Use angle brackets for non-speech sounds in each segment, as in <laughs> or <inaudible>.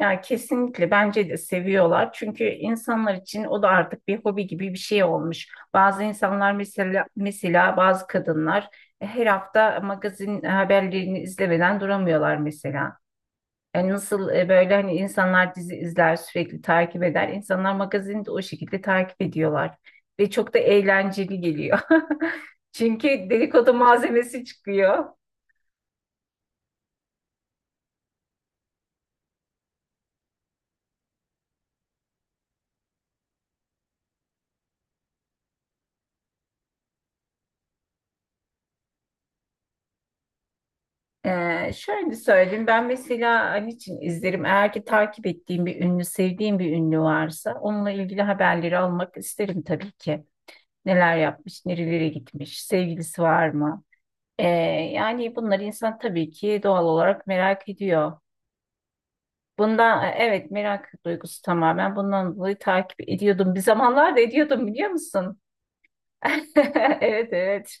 Yani kesinlikle bence de seviyorlar. Çünkü insanlar için o da artık bir hobi gibi bir şey olmuş. Bazı insanlar mesela bazı kadınlar her hafta magazin haberlerini izlemeden duramıyorlar mesela. Yani nasıl böyle hani insanlar dizi izler, sürekli takip eder. İnsanlar magazini de o şekilde takip ediyorlar ve çok da eğlenceli geliyor. <laughs> Çünkü dedikodu malzemesi çıkıyor. Şöyle söyleyeyim, ben mesela an için izlerim, eğer ki takip ettiğim bir ünlü, sevdiğim bir ünlü varsa onunla ilgili haberleri almak isterim tabii ki. Neler yapmış, nerelere gitmiş, sevgilisi var mı? Ee, Yani bunları insan tabii ki doğal olarak merak ediyor, bundan evet, merak duygusu, tamamen bundan dolayı takip ediyordum, bir zamanlar da ediyordum, biliyor musun? <laughs> evet, evet.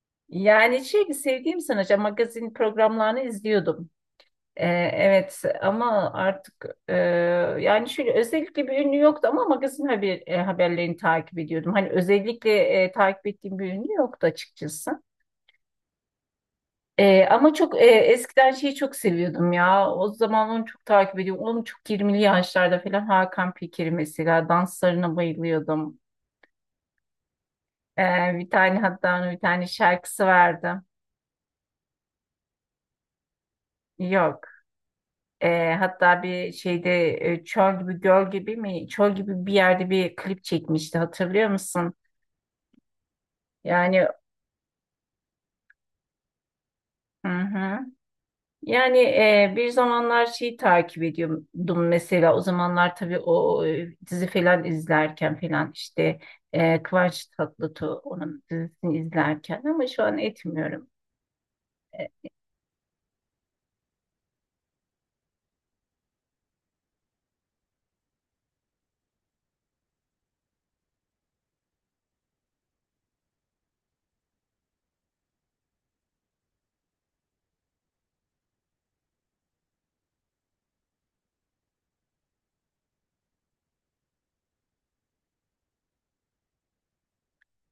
<laughs> Yani şey, sevdiğim sanatçı magazin programlarını izliyordum. Evet, ama artık yani şöyle, özellikle bir ünlü yoktu ama magazin haberlerini takip ediyordum. Hani özellikle takip ettiğim bir ünlü yoktu açıkçası. Ama çok eskiden şeyi çok seviyordum ya. O zaman onu çok takip ediyordum. Onun çok 20'li yaşlarda falan, Hakan Peker'i mesela, danslarına bayılıyordum. E, Bir tane, hatta onun bir tane şarkısı vardı. Yok. Hatta bir şeyde çöl gibi, göl gibi mi, çöl gibi bir yerde bir klip çekmişti, hatırlıyor musun? Yani, hı hı. Yani bir zamanlar şeyi takip ediyordum, mesela o zamanlar tabii o dizi falan izlerken falan, işte Kıvanç Tatlıtuğ, onun dizisini izlerken, ama şu an etmiyorum. E,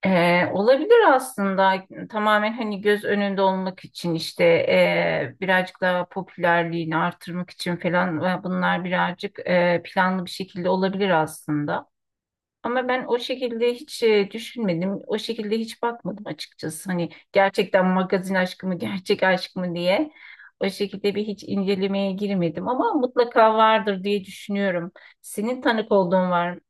Olabilir aslında, tamamen hani göz önünde olmak için, işte birazcık daha popülerliğini artırmak için falan, ve bunlar birazcık planlı bir şekilde olabilir aslında. Ama ben o şekilde hiç düşünmedim, o şekilde hiç bakmadım açıkçası. Hani gerçekten magazin aşkı mı, <laughs> gerçek aşk mı diye o şekilde bir hiç incelemeye girmedim, ama mutlaka vardır diye düşünüyorum. Senin tanık olduğun var mı?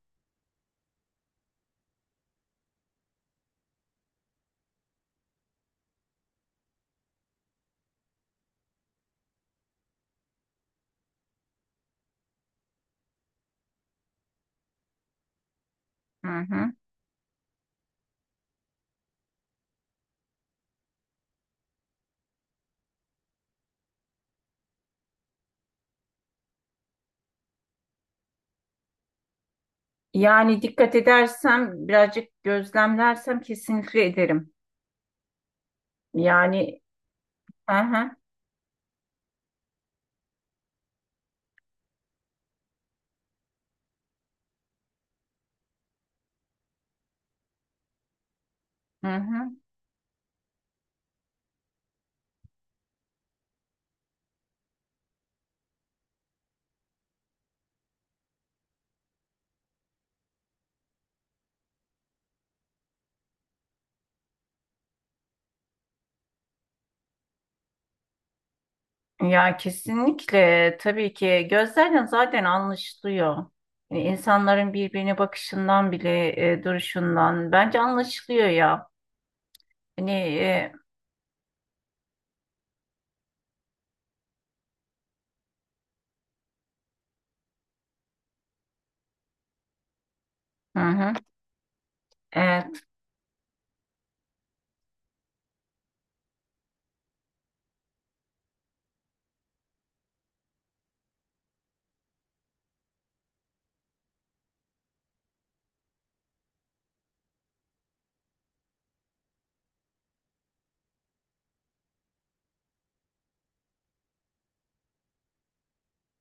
Hı hı. Yani dikkat edersem, birazcık gözlemlersem kesinlikle ederim. Yani, hı hı, hı hı. Ya kesinlikle, tabii ki gözlerden zaten anlaşılıyor. Yani insanların birbirine bakışından bile, duruşundan bence anlaşılıyor ya. Hani hı hı. E,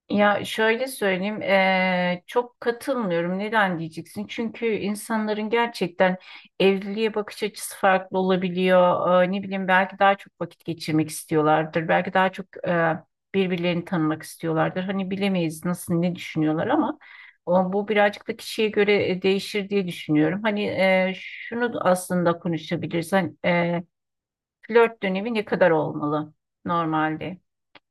Ya şöyle söyleyeyim, çok katılmıyorum. Neden diyeceksin? Çünkü insanların gerçekten evliliğe bakış açısı farklı olabiliyor. Ne bileyim, belki daha çok vakit geçirmek istiyorlardır. Belki daha çok birbirlerini tanımak istiyorlardır. Hani bilemeyiz, nasıl, ne düşünüyorlar, ama o, bu birazcık da kişiye göre değişir diye düşünüyorum. Hani şunu aslında konuşabilirsen, flört dönemi ne kadar olmalı normalde,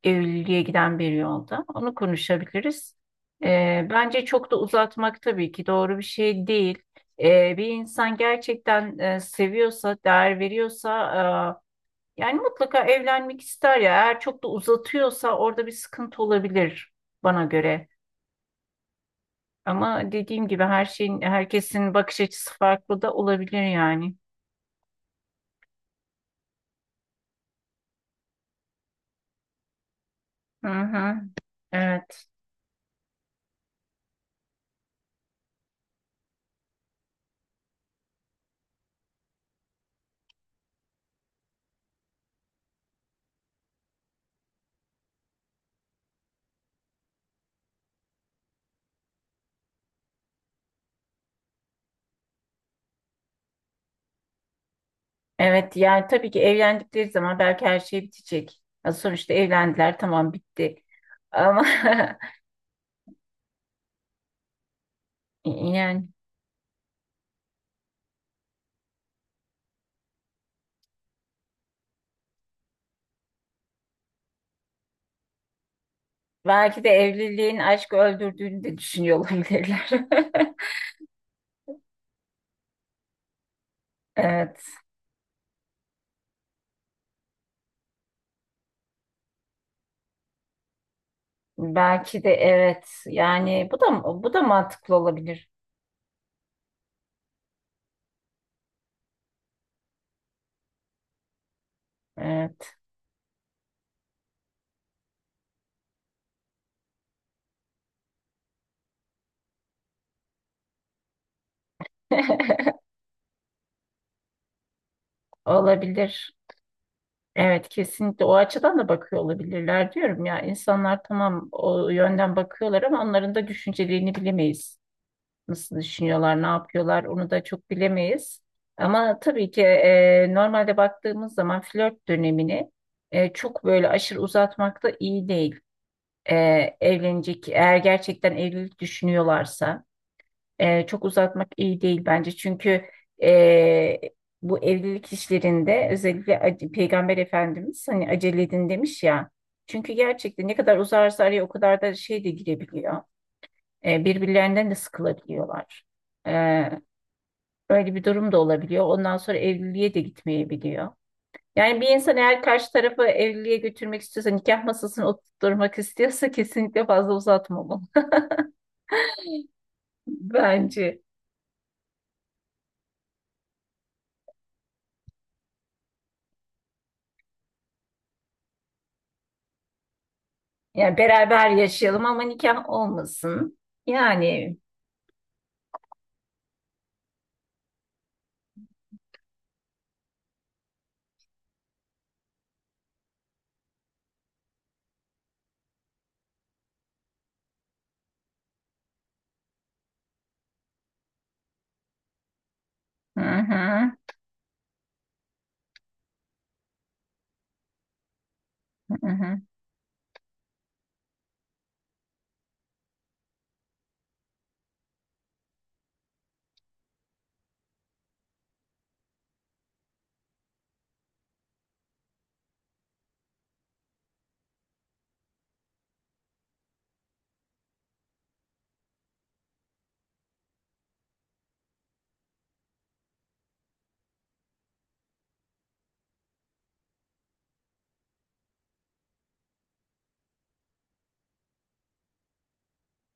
evliliğe giden bir yolda? Onu konuşabiliriz. Bence çok da uzatmak tabii ki doğru bir şey değil. Bir insan gerçekten seviyorsa, değer veriyorsa, yani mutlaka evlenmek ister ya. Eğer çok da uzatıyorsa, orada bir sıkıntı olabilir bana göre. Ama dediğim gibi, her şeyin, herkesin bakış açısı farklı da olabilir yani. Hı hı, evet. Evet, yani tabii ki evlendikleri zaman belki her şey bitecek. Ya sonuçta evlendiler, tamam, bitti. Ama <laughs> yani belki de evliliğin aşkı öldürdüğünü de düşünüyor olabilirler. <laughs> Evet. Belki de, evet. Yani bu da mantıklı olabilir. Evet. <laughs> Olabilir. Evet, kesinlikle o açıdan da bakıyor olabilirler diyorum ya. İnsanlar tamam o yönden bakıyorlar, ama onların da düşüncelerini bilemeyiz. Nasıl düşünüyorlar, ne yapıyorlar, onu da çok bilemeyiz. Ama tabii ki normalde baktığımız zaman flört dönemini çok böyle aşırı uzatmak da iyi değil. E, Evlenecek, eğer gerçekten evlilik düşünüyorlarsa çok uzatmak iyi değil bence. Çünkü e, bu evlilik işlerinde özellikle Peygamber Efendimiz hani acele edin demiş ya. Çünkü gerçekten ne kadar uzarsa araya o kadar da şey de girebiliyor. Birbirlerinden de sıkılabiliyorlar. E, Öyle bir durum da olabiliyor. Ondan sonra evliliğe de gitmeyebiliyor. Yani bir insan eğer karşı tarafı evliliğe götürmek istiyorsa, nikah masasını oturtmak istiyorsa <laughs> kesinlikle fazla uzatmamalı. <laughs> Bence. Yani beraber yaşayalım ama nikah olmasın. Yani, hı hı, hı hı.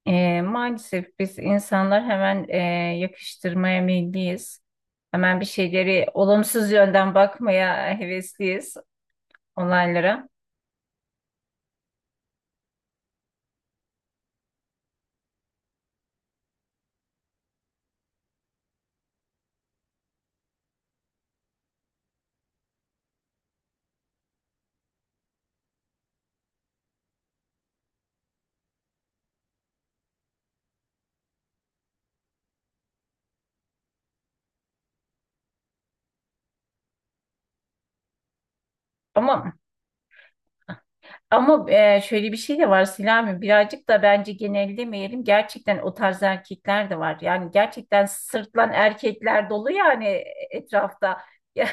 Maalesef biz insanlar hemen yakıştırmaya meyilliyiz. Hemen bir şeyleri olumsuz yönden bakmaya hevesliyiz olaylara. Ama şöyle bir şey de var Selami, birazcık da bence genellemeyelim, gerçekten o tarz erkekler de var yani, gerçekten sırtlan erkekler dolu yani etrafta. <laughs> Ya,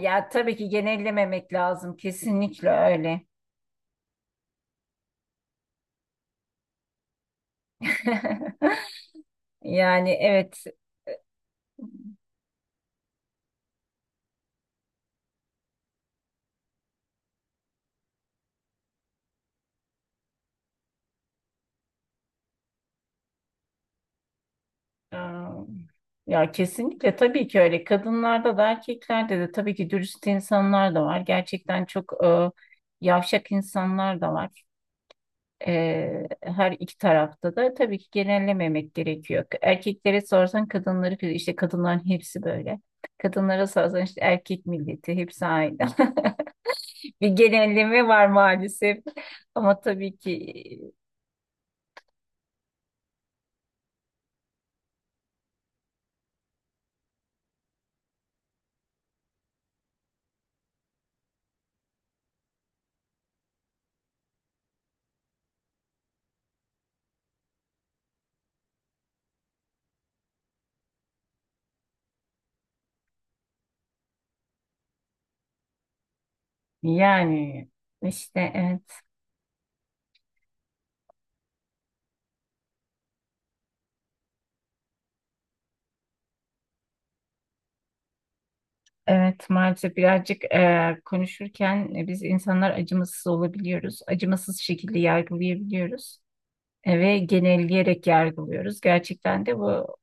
ya tabii ki genellememek lazım, kesinlikle öyle. <laughs> Yani, evet. Aa. Ya kesinlikle, tabii ki öyle. Kadınlarda da, erkeklerde de tabii ki dürüst insanlar da var. Gerçekten çok yavşak insanlar da var. Her iki tarafta da tabii ki genellememek gerekiyor. Erkeklere sorsan, kadınları, işte kadınların hepsi böyle. Kadınlara sorsan, işte erkek milleti hepsi aynı. <laughs> Bir genelleme var maalesef. Ama tabii ki, yani işte, evet. Evet, maalesef birazcık konuşurken biz insanlar acımasız olabiliyoruz. Acımasız şekilde yargılayabiliyoruz ve genelleyerek yargılıyoruz. Gerçekten de bu,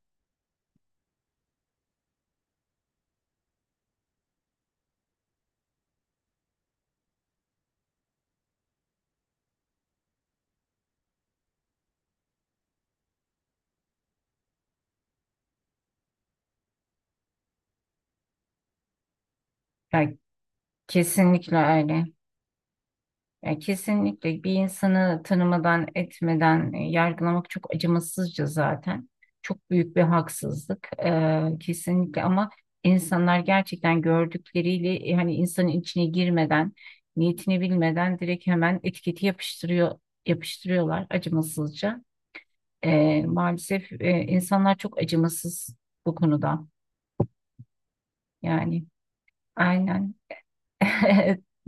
yani kesinlikle öyle. Yani kesinlikle bir insanı tanımadan, etmeden yargılamak çok acımasızca zaten. Çok büyük bir haksızlık. Kesinlikle, ama insanlar gerçekten gördükleriyle, hani insanın içine girmeden, niyetini bilmeden direkt hemen etiketi yapıştırıyor, yapıştırıyorlar acımasızca. Maalesef insanlar çok acımasız bu konuda. Yani, aynen. <laughs>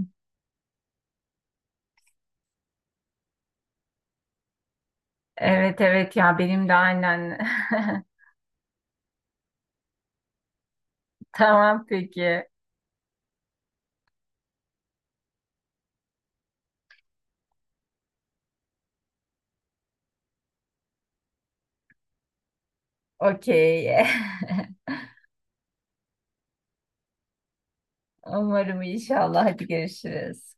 Evet, evet, ya benim de aynen. <laughs> Tamam, peki. Okey. <laughs> Umarım, inşallah. Hadi, görüşürüz.